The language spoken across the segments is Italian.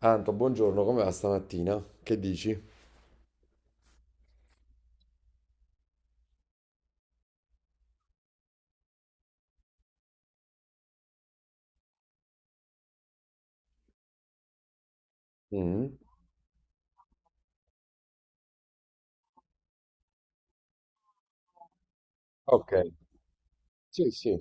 Anto, buongiorno, come va stamattina? Che dici? Mm. Ok, sì, sì.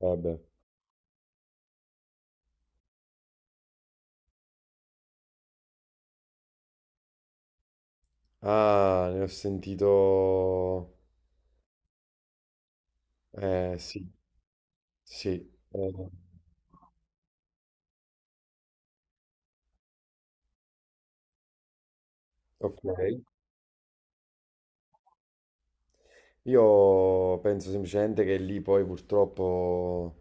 Vabbè. Ah, ne ho sentito. Sì, sì. Eh, ok. Io penso semplicemente che lì poi purtroppo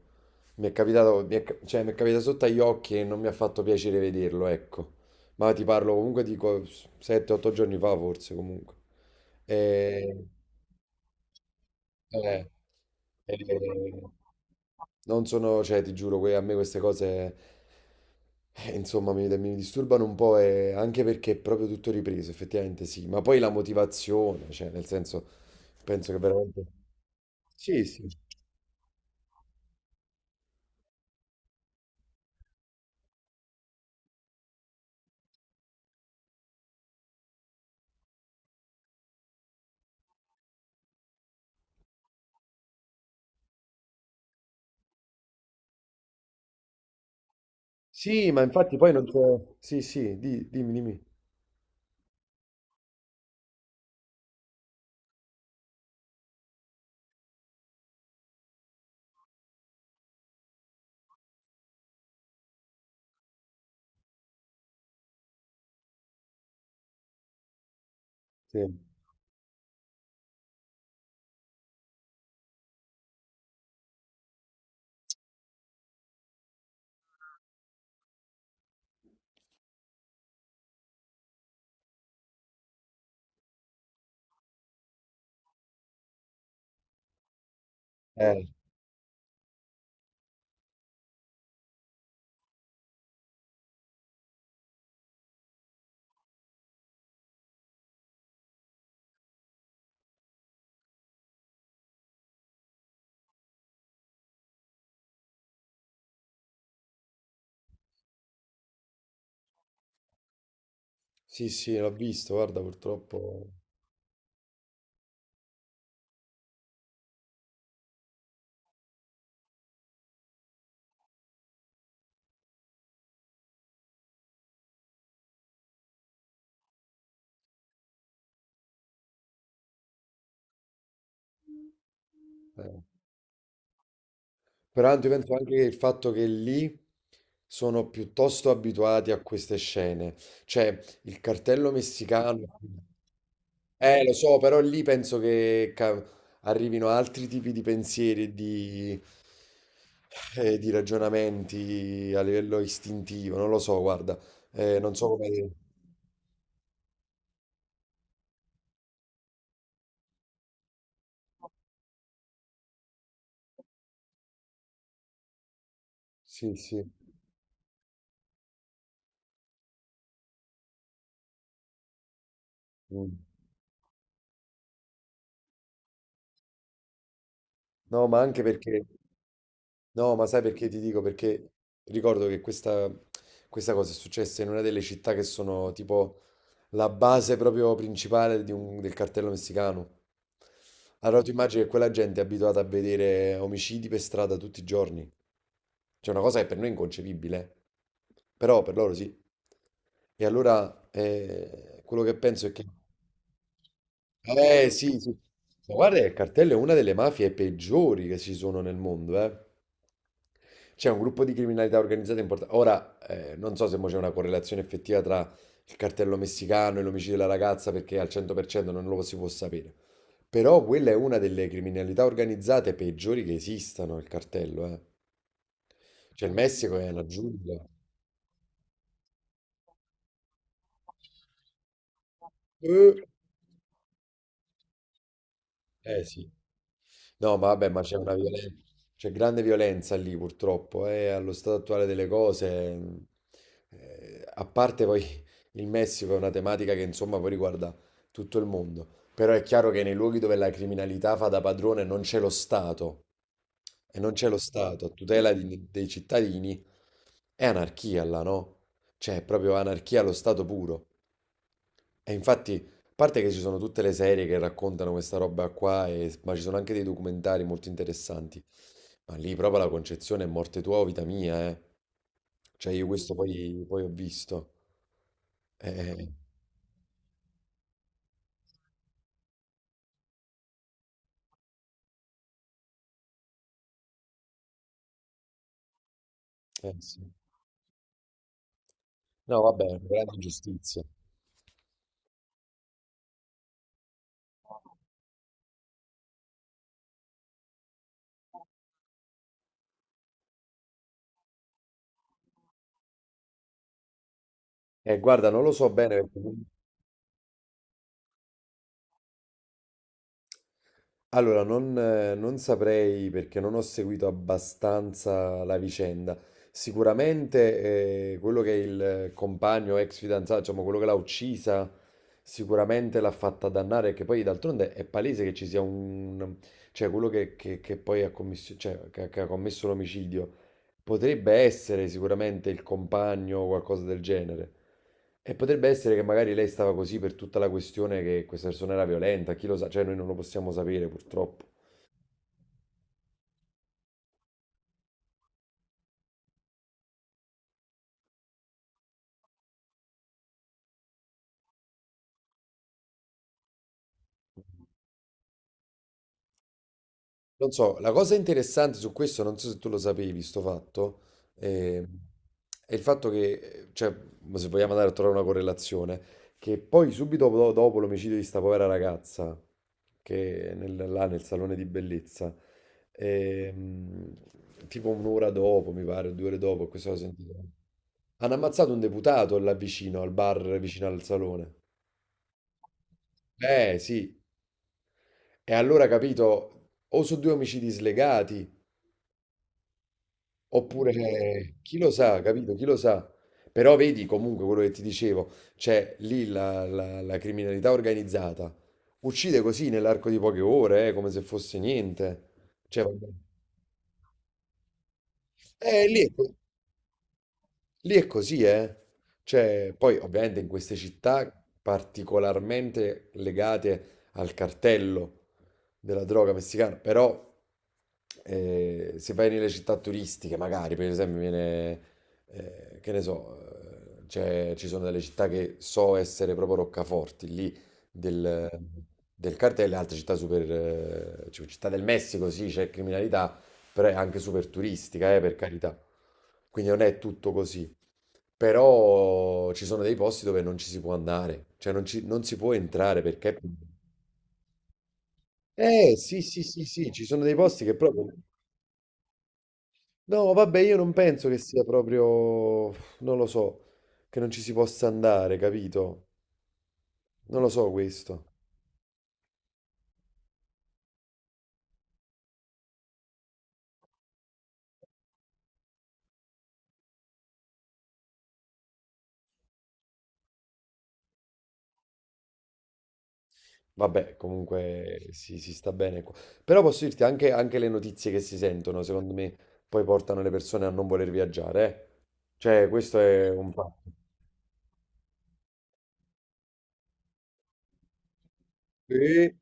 mi è capitato, cioè mi è capitato sotto agli occhi e non mi ha fatto piacere vederlo, ecco. Ma ti parlo comunque di 7-8 giorni fa forse comunque. E... Eh, eh, non sono, cioè, ti giuro, a me queste cose, insomma, mi disturbano un po', e anche perché è proprio tutto ripreso, effettivamente sì, ma poi la motivazione, cioè, nel senso, penso che veramente. Sì, sì. Sì, ma infatti poi non c'è. Sì, sì, dimmi, dimmi. Sì, eh, sì, sì, l'ho visto, guarda, purtroppo. Eh. Peraltro io penso anche che il fatto che lì sono piuttosto abituati a queste scene, cioè il cartello messicano, lo so, però lì penso che arrivino altri tipi di pensieri e di ragionamenti a livello istintivo, non lo so, guarda, non so come. Sì, sì. Mm. No, ma anche perché, no, ma sai perché ti dico? Perché ricordo che questa cosa è successa in una delle città che sono tipo la base proprio principale del cartello messicano. Allora tu immagini che quella gente è abituata a vedere omicidi per strada tutti i giorni. C'è una cosa che per noi è inconcepibile, eh, però per loro sì. E allora quello che penso è che. Eh sì, sì. Ma guarda, che il cartello è una delle mafie peggiori che ci sono nel mondo, eh. C'è un gruppo di criminalità organizzata importante. Ora, non so se mo c'è una correlazione effettiva il cartello messicano e l'omicidio della ragazza perché al 100% non lo si può sapere. Però quella è una delle criminalità organizzate peggiori che esistano, il cartello, eh. Cioè il Messico è una giungla. Eh, eh sì. No, ma vabbè, ma c'è una violenza, c'è grande violenza lì purtroppo, allo stato attuale delle cose, a parte poi il Messico è una tematica che insomma poi riguarda tutto il mondo, però è chiaro che nei luoghi dove la criminalità fa da padrone non c'è lo Stato e non c'è lo Stato a tutela dei cittadini, è anarchia là, no? Cioè, è proprio anarchia allo stato puro. E infatti, a parte che ci sono tutte le serie che raccontano questa roba qua, ma ci sono anche dei documentari molto interessanti. Ma lì proprio la concezione è morte tua o vita mia, eh. Cioè, io questo poi ho visto. Eh, eh, sì. No, vabbè, grande giustizia. Guarda, non lo so bene perché. Allora, non saprei perché non ho seguito abbastanza la vicenda. Sicuramente quello che è il compagno, ex fidanzato, diciamo quello che l'ha uccisa, sicuramente l'ha fatta dannare, perché poi d'altronde è palese che ci sia un. Cioè quello che poi ha commesso, cioè, che ha commesso l'omicidio potrebbe essere sicuramente il compagno o qualcosa del genere. E potrebbe essere che magari lei stava così per tutta la questione che questa persona era violenta, chi lo sa, cioè noi non lo possiamo sapere purtroppo. Non so, la cosa interessante su questo, non so se tu lo sapevi, sto fatto, eh, è il fatto che, cioè, ma se vogliamo andare a trovare una correlazione, che poi subito dopo, l'omicidio di sta povera ragazza, che è là nel salone di bellezza, tipo un'ora dopo, mi pare, 2 ore dopo, questo l'ho sentito, hanno ammazzato un deputato là vicino, al bar vicino al salone. Eh sì, e allora capito, o su due omicidi slegati, oppure, chi lo sa, capito? Chi lo sa? Però vedi comunque quello che ti dicevo, cioè lì la criminalità organizzata uccide così nell'arco di poche ore, come se fosse niente. Cioè, vabbè. Eh, lì è, Lì è così, eh? Cioè, poi ovviamente in queste città particolarmente legate al cartello della droga messicana, però se vai nelle città turistiche, magari, per esempio, che ne so, ci sono delle città che so essere proprio roccaforti, lì del, del cartello, e altre città super, cioè, città del Messico, sì, c'è criminalità, però è anche super turistica, per carità. Quindi non è tutto così. Però ci sono dei posti dove non ci si può andare, cioè non, non si può entrare perché. Sì, sì, sì, sì, ci sono dei posti che proprio. No, vabbè, io non penso che sia proprio. Non lo so, che non ci si possa andare, capito? Non lo so questo. Vabbè, comunque si sta bene qua. Però posso dirti anche le notizie che si sentono, secondo me, poi portano le persone a non voler viaggiare, eh. Cioè, questo è un fatto. Sì.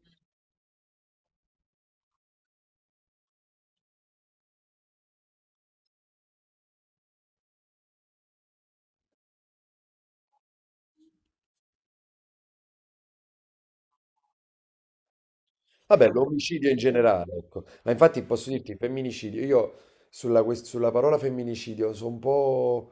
Vabbè, l'omicidio in generale, ecco. Ma infatti posso dirti, il femminicidio, io sulla parola femminicidio sono un po'.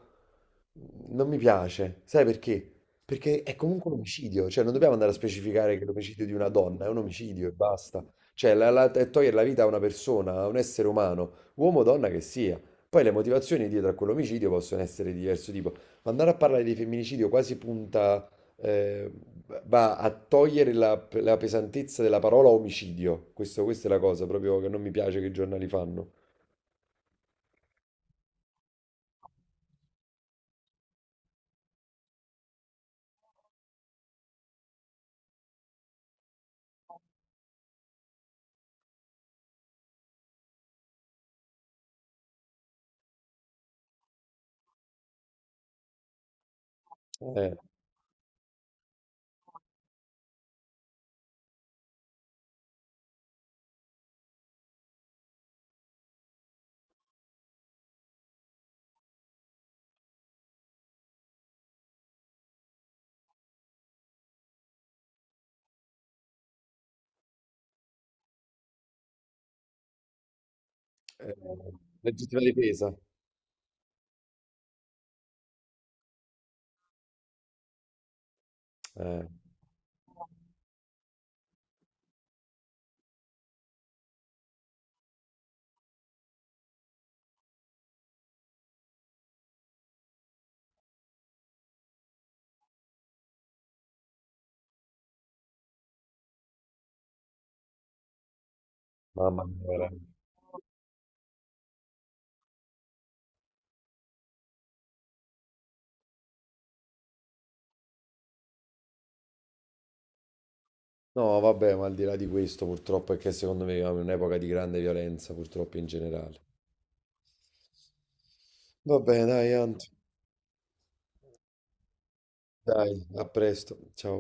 Non mi piace, sai perché? Perché è comunque un omicidio, cioè non dobbiamo andare a specificare che l'omicidio di una donna è un omicidio e basta. Cioè, è togliere la vita a una persona, a un essere umano, uomo o donna che sia. Poi le motivazioni dietro a quell'omicidio possono essere di diverso tipo. Ma andare a parlare di femminicidio quasi punta, eh, va a togliere la pesantezza della parola omicidio. Questa è la cosa proprio che non mi piace che i giornali fanno. Eh, eh, legittima difesa. Eh. Mamma mia, veramente. No, vabbè, ma al di là di questo, purtroppo è che secondo me viviamo in un'epoca di grande violenza, purtroppo in generale. Va bene, dai, Ant. Dai, a presto. Ciao.